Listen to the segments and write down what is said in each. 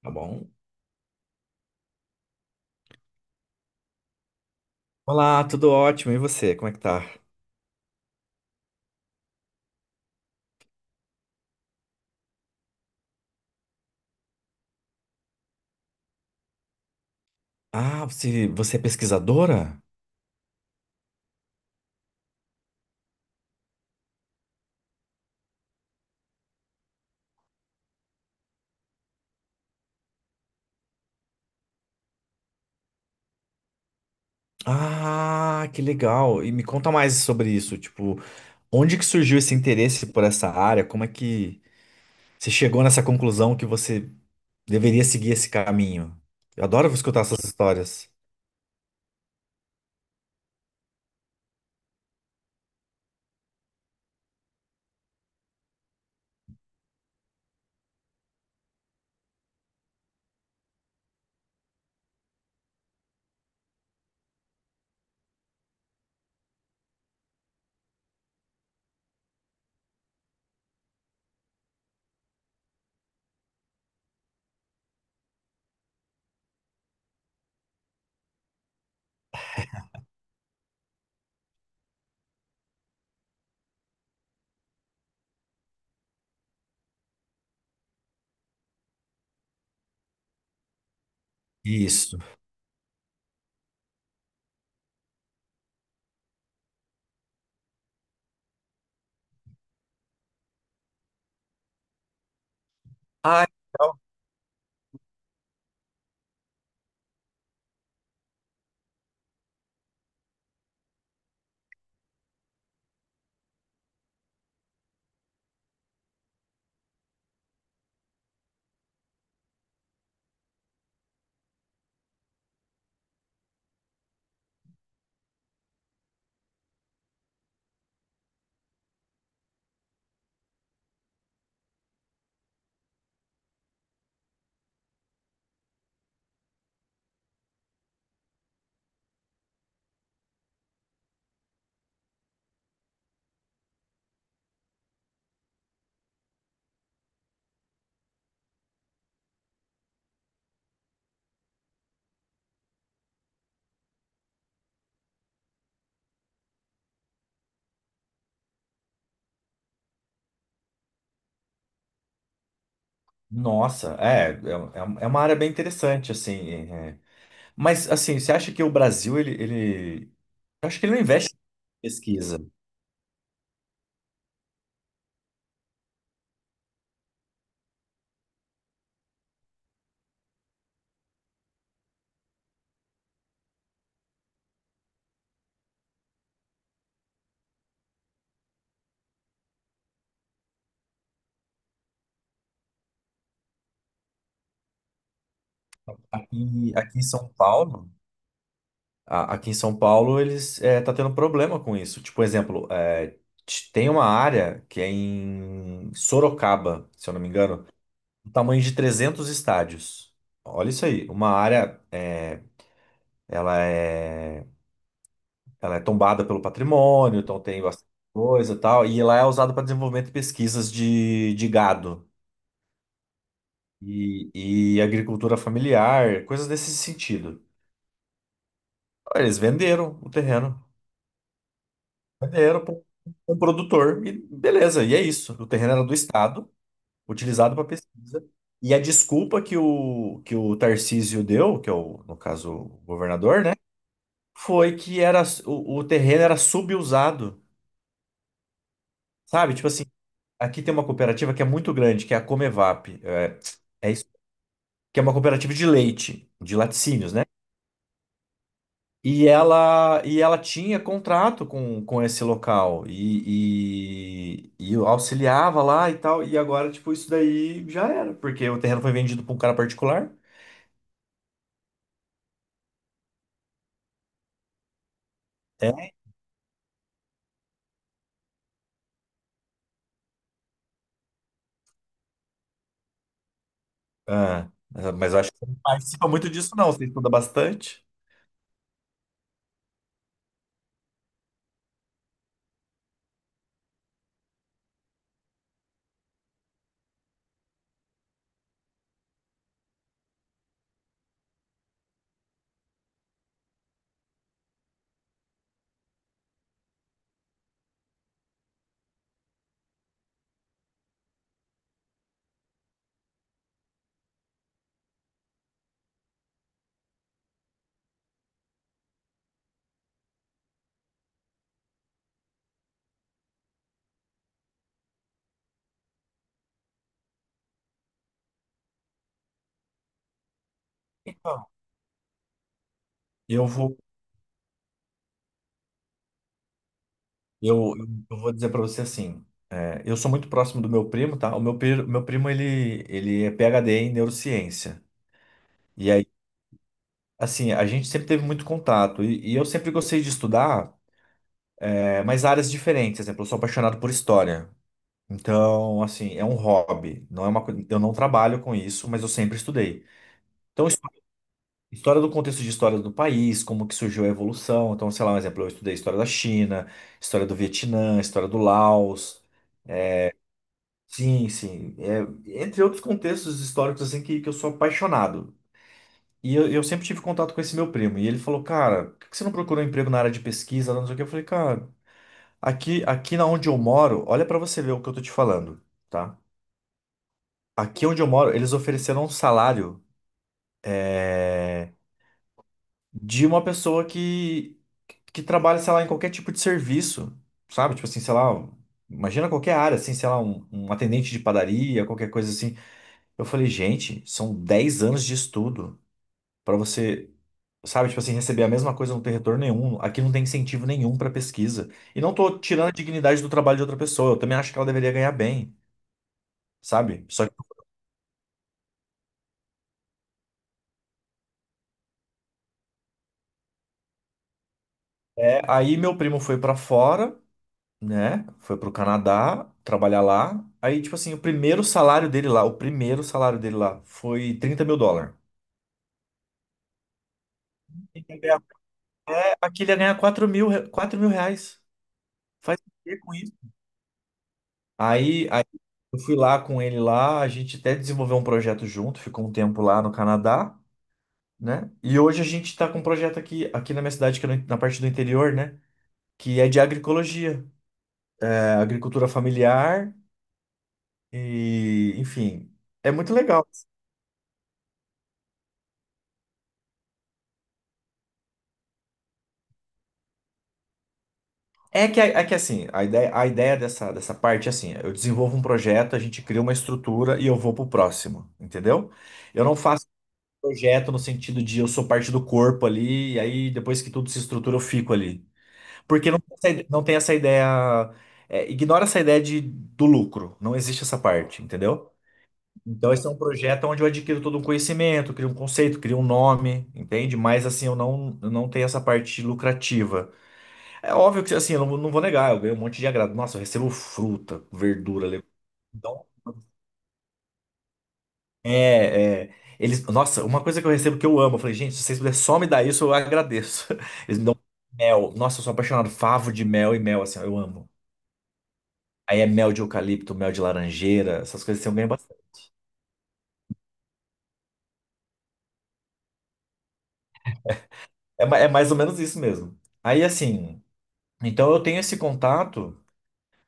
Tá bom? Olá, tudo ótimo. E você, como é que tá? Ah, você é pesquisadora? Ah, que legal. E me conta mais sobre isso. Tipo, onde que surgiu esse interesse por essa área? Como é que você chegou nessa conclusão que você deveria seguir esse caminho? Eu adoro escutar essas histórias. Isso. Ah, legal. Nossa, uma área bem interessante, assim. É. Mas, assim, você acha que o Brasil, eu acho que ele não investe em pesquisa. Aqui, aqui em São Paulo, a- aqui em São Paulo eles tá tendo problema com isso. Tipo, exemplo, tem uma área que é em Sorocaba, se eu não me engano, do tamanho de 300 estádios. Olha isso aí, uma área ela é ela é tombada pelo patrimônio, então tem bastante coisa e tal, e lá é usado para desenvolvimento de pesquisas de gado e agricultura familiar, coisas desse sentido. Eles venderam o terreno. Era para um produtor e beleza, e é isso. O terreno era do Estado, utilizado para pesquisa. E a desculpa que o Tarcísio deu, que é o, no caso, o governador, né? Foi que o terreno era subusado, sabe? Tipo assim, aqui tem uma cooperativa que é muito grande, que é a Comevap. É isso, que é uma cooperativa de leite, de laticínios, né? E ela tinha contrato com esse local e eu auxiliava lá e tal. E agora, tipo, isso daí já era, porque o terreno foi vendido para um cara particular. É. Ah, ah, mas eu acho que você não participa muito disso, não. Você estuda bastante. Então, eu vou, eu, eu vou dizer para você assim: é, eu sou muito próximo do meu primo, tá? Meu primo, ele é PhD em neurociência. E aí, assim, a gente sempre teve muito contato. E eu sempre gostei de estudar. É, mas áreas diferentes, por exemplo, eu sou apaixonado por história. Então, assim, é um hobby, não é uma coisa, eu não trabalho com isso, mas eu sempre estudei. Então, história do contexto de história do país, como que surgiu a evolução. Então, sei lá, um exemplo, eu estudei história da China, história do Vietnã, história do Laos. Sim, sim, entre outros contextos históricos assim que eu sou apaixonado. E eu sempre tive contato com esse meu primo, e ele falou: "Cara, por que que você não procurou emprego na área de pesquisa?" Não sei o que. Eu falei: "Cara, aqui na onde eu moro, olha pra você ver o que eu tô te falando, tá? Aqui onde eu moro, eles ofereceram um salário é, de uma pessoa que trabalha, sei lá, em qualquer tipo de serviço, sabe? Tipo assim, sei lá, imagina qualquer área, assim, sei lá, um atendente de padaria, qualquer coisa assim. Eu falei, gente, são 10 anos de estudo pra você, sabe? Tipo assim, receber a mesma coisa, não ter retorno nenhum. Aqui não tem incentivo nenhum pra pesquisa. E não tô tirando a dignidade do trabalho de outra pessoa, eu também acho que ela deveria ganhar bem, sabe? Só É, aí meu primo foi pra fora, né? Foi pro Canadá trabalhar lá. Aí, tipo assim, o primeiro salário dele lá, o primeiro salário dele lá foi 30 mil dólares. Aqui ele ia ganhar 4 mil, 4 mil reais. Faz o quê com isso? Aí eu fui lá com ele lá, a gente até desenvolveu um projeto junto, ficou um tempo lá no Canadá, né? E hoje a gente tá com um projeto aqui, na minha cidade, que é na parte do interior, né? Que é de agroecologia, é agricultura familiar. E, enfim, é muito legal. é que assim, a ideia dessa parte é assim, eu desenvolvo um projeto, a gente cria uma estrutura e eu vou pro próximo, entendeu? Eu não faço projeto no sentido de eu sou parte do corpo ali, e aí depois que tudo se estrutura eu fico ali. Porque não, não tem essa ideia, ignora essa ideia de, do lucro, não existe essa parte, entendeu? Então esse é um projeto onde eu adquiro todo um conhecimento, crio um conceito, crio um nome, entende? Mas assim, eu não tenho essa parte lucrativa. É óbvio que assim, eu não vou negar, eu ganho um monte de agrado. Nossa, eu recebo fruta, verdura, legume. Então, eles, nossa, uma coisa que eu recebo que eu amo, eu falei, gente, se vocês puderem só me dar isso, eu agradeço. Eles me dão mel. Nossa, eu sou apaixonado, favo de mel e mel, assim, ó, eu amo. Aí é mel de eucalipto, mel de laranjeira, essas coisas assim, eu ganho bastante. É mais ou menos isso mesmo. Aí assim, então eu tenho esse contato.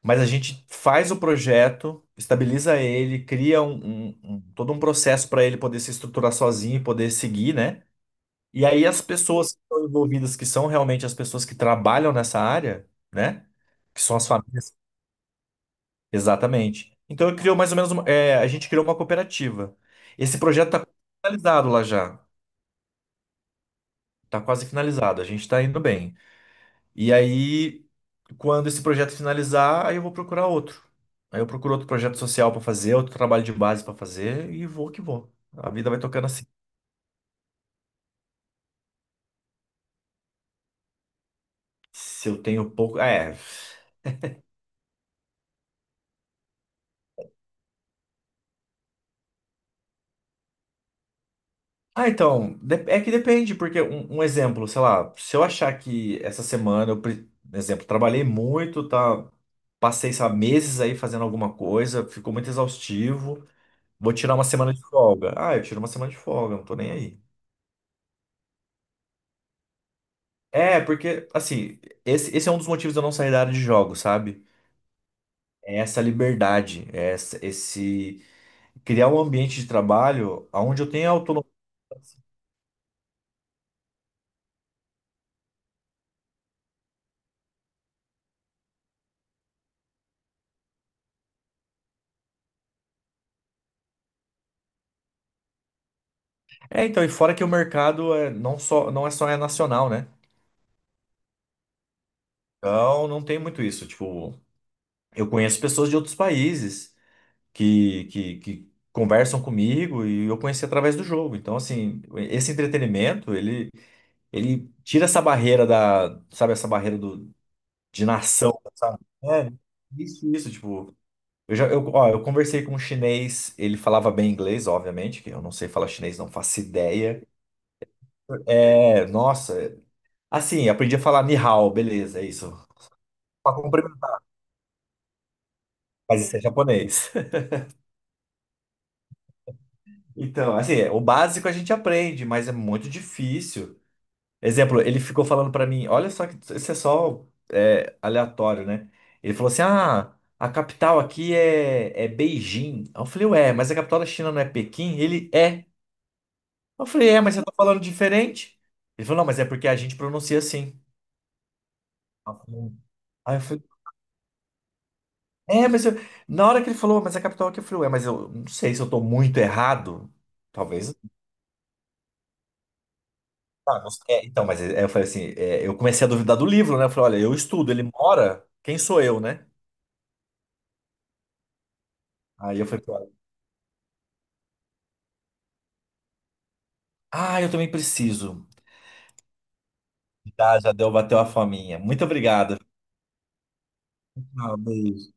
Mas a gente faz o projeto, estabiliza ele, cria um todo um processo para ele poder se estruturar sozinho e poder seguir, né? E aí as pessoas que estão envolvidas, que são realmente as pessoas que trabalham nessa área, né? Que são as famílias. Exatamente. Então eu criou mais ou menos uma, a gente criou uma cooperativa. Esse projeto está finalizado lá já. Está quase finalizado. A gente está indo bem. E aí, quando esse projeto finalizar, aí eu vou procurar outro. Aí eu procuro outro projeto social para fazer, outro trabalho de base para fazer e vou que vou. A vida vai tocando assim. Se eu tenho pouco. É. Ah, então. De- É que depende, porque um exemplo, sei lá, se eu achar que essa semana eu. Pre- Exemplo, trabalhei muito, tá? Passei, sabe, meses aí fazendo alguma coisa, ficou muito exaustivo. Vou tirar uma semana de folga. Ah, eu tiro uma semana de folga, não tô nem aí. É, porque, assim, esse é um dos motivos de eu não sair da área de jogos, sabe? É essa liberdade, é essa, esse criar um ambiente de trabalho onde eu tenha autonomia. É, então, e fora que o mercado é não só, não é só é nacional, né? Então, não tem muito isso. Tipo, eu conheço pessoas de outros países que conversam comigo e eu conheci através do jogo. Então, assim, esse entretenimento, ele tira essa barreira da, sabe, essa barreira do, de nação, sabe? É, isso, tipo, eu já, eu, ó, eu conversei com um chinês, ele falava bem inglês, obviamente, que eu não sei falar chinês, não faço ideia. É, nossa, assim, aprendi a falar ni hao, beleza, é isso. Pra cumprimentar, mas isso é japonês. Então, assim, é, o básico a gente aprende, mas é muito difícil. Exemplo, ele ficou falando pra mim, olha só que isso é só aleatório, né? Ele falou assim: ah, a capital aqui é Beijing. Aí eu falei, ué, mas a capital da China não é Pequim? Ele é. Eu falei, é, mas você tá falando diferente? Ele falou, não, mas é porque a gente pronuncia assim. Aí eu falei, Aí eu falei, é, mas eu... na hora que ele falou, mas a capital aqui, eu falei, ué, mas eu não sei se eu tô muito errado. Talvez. Ah, não sei. É, então, mas é, eu falei assim, é, eu comecei a duvidar do livro, né? Eu falei, olha, eu estudo, ele mora, quem sou eu, né? Aí eu falei, Ah, eu também preciso. Tá, já deu, bateu a fominha. Muito obrigado. Ah, beijo.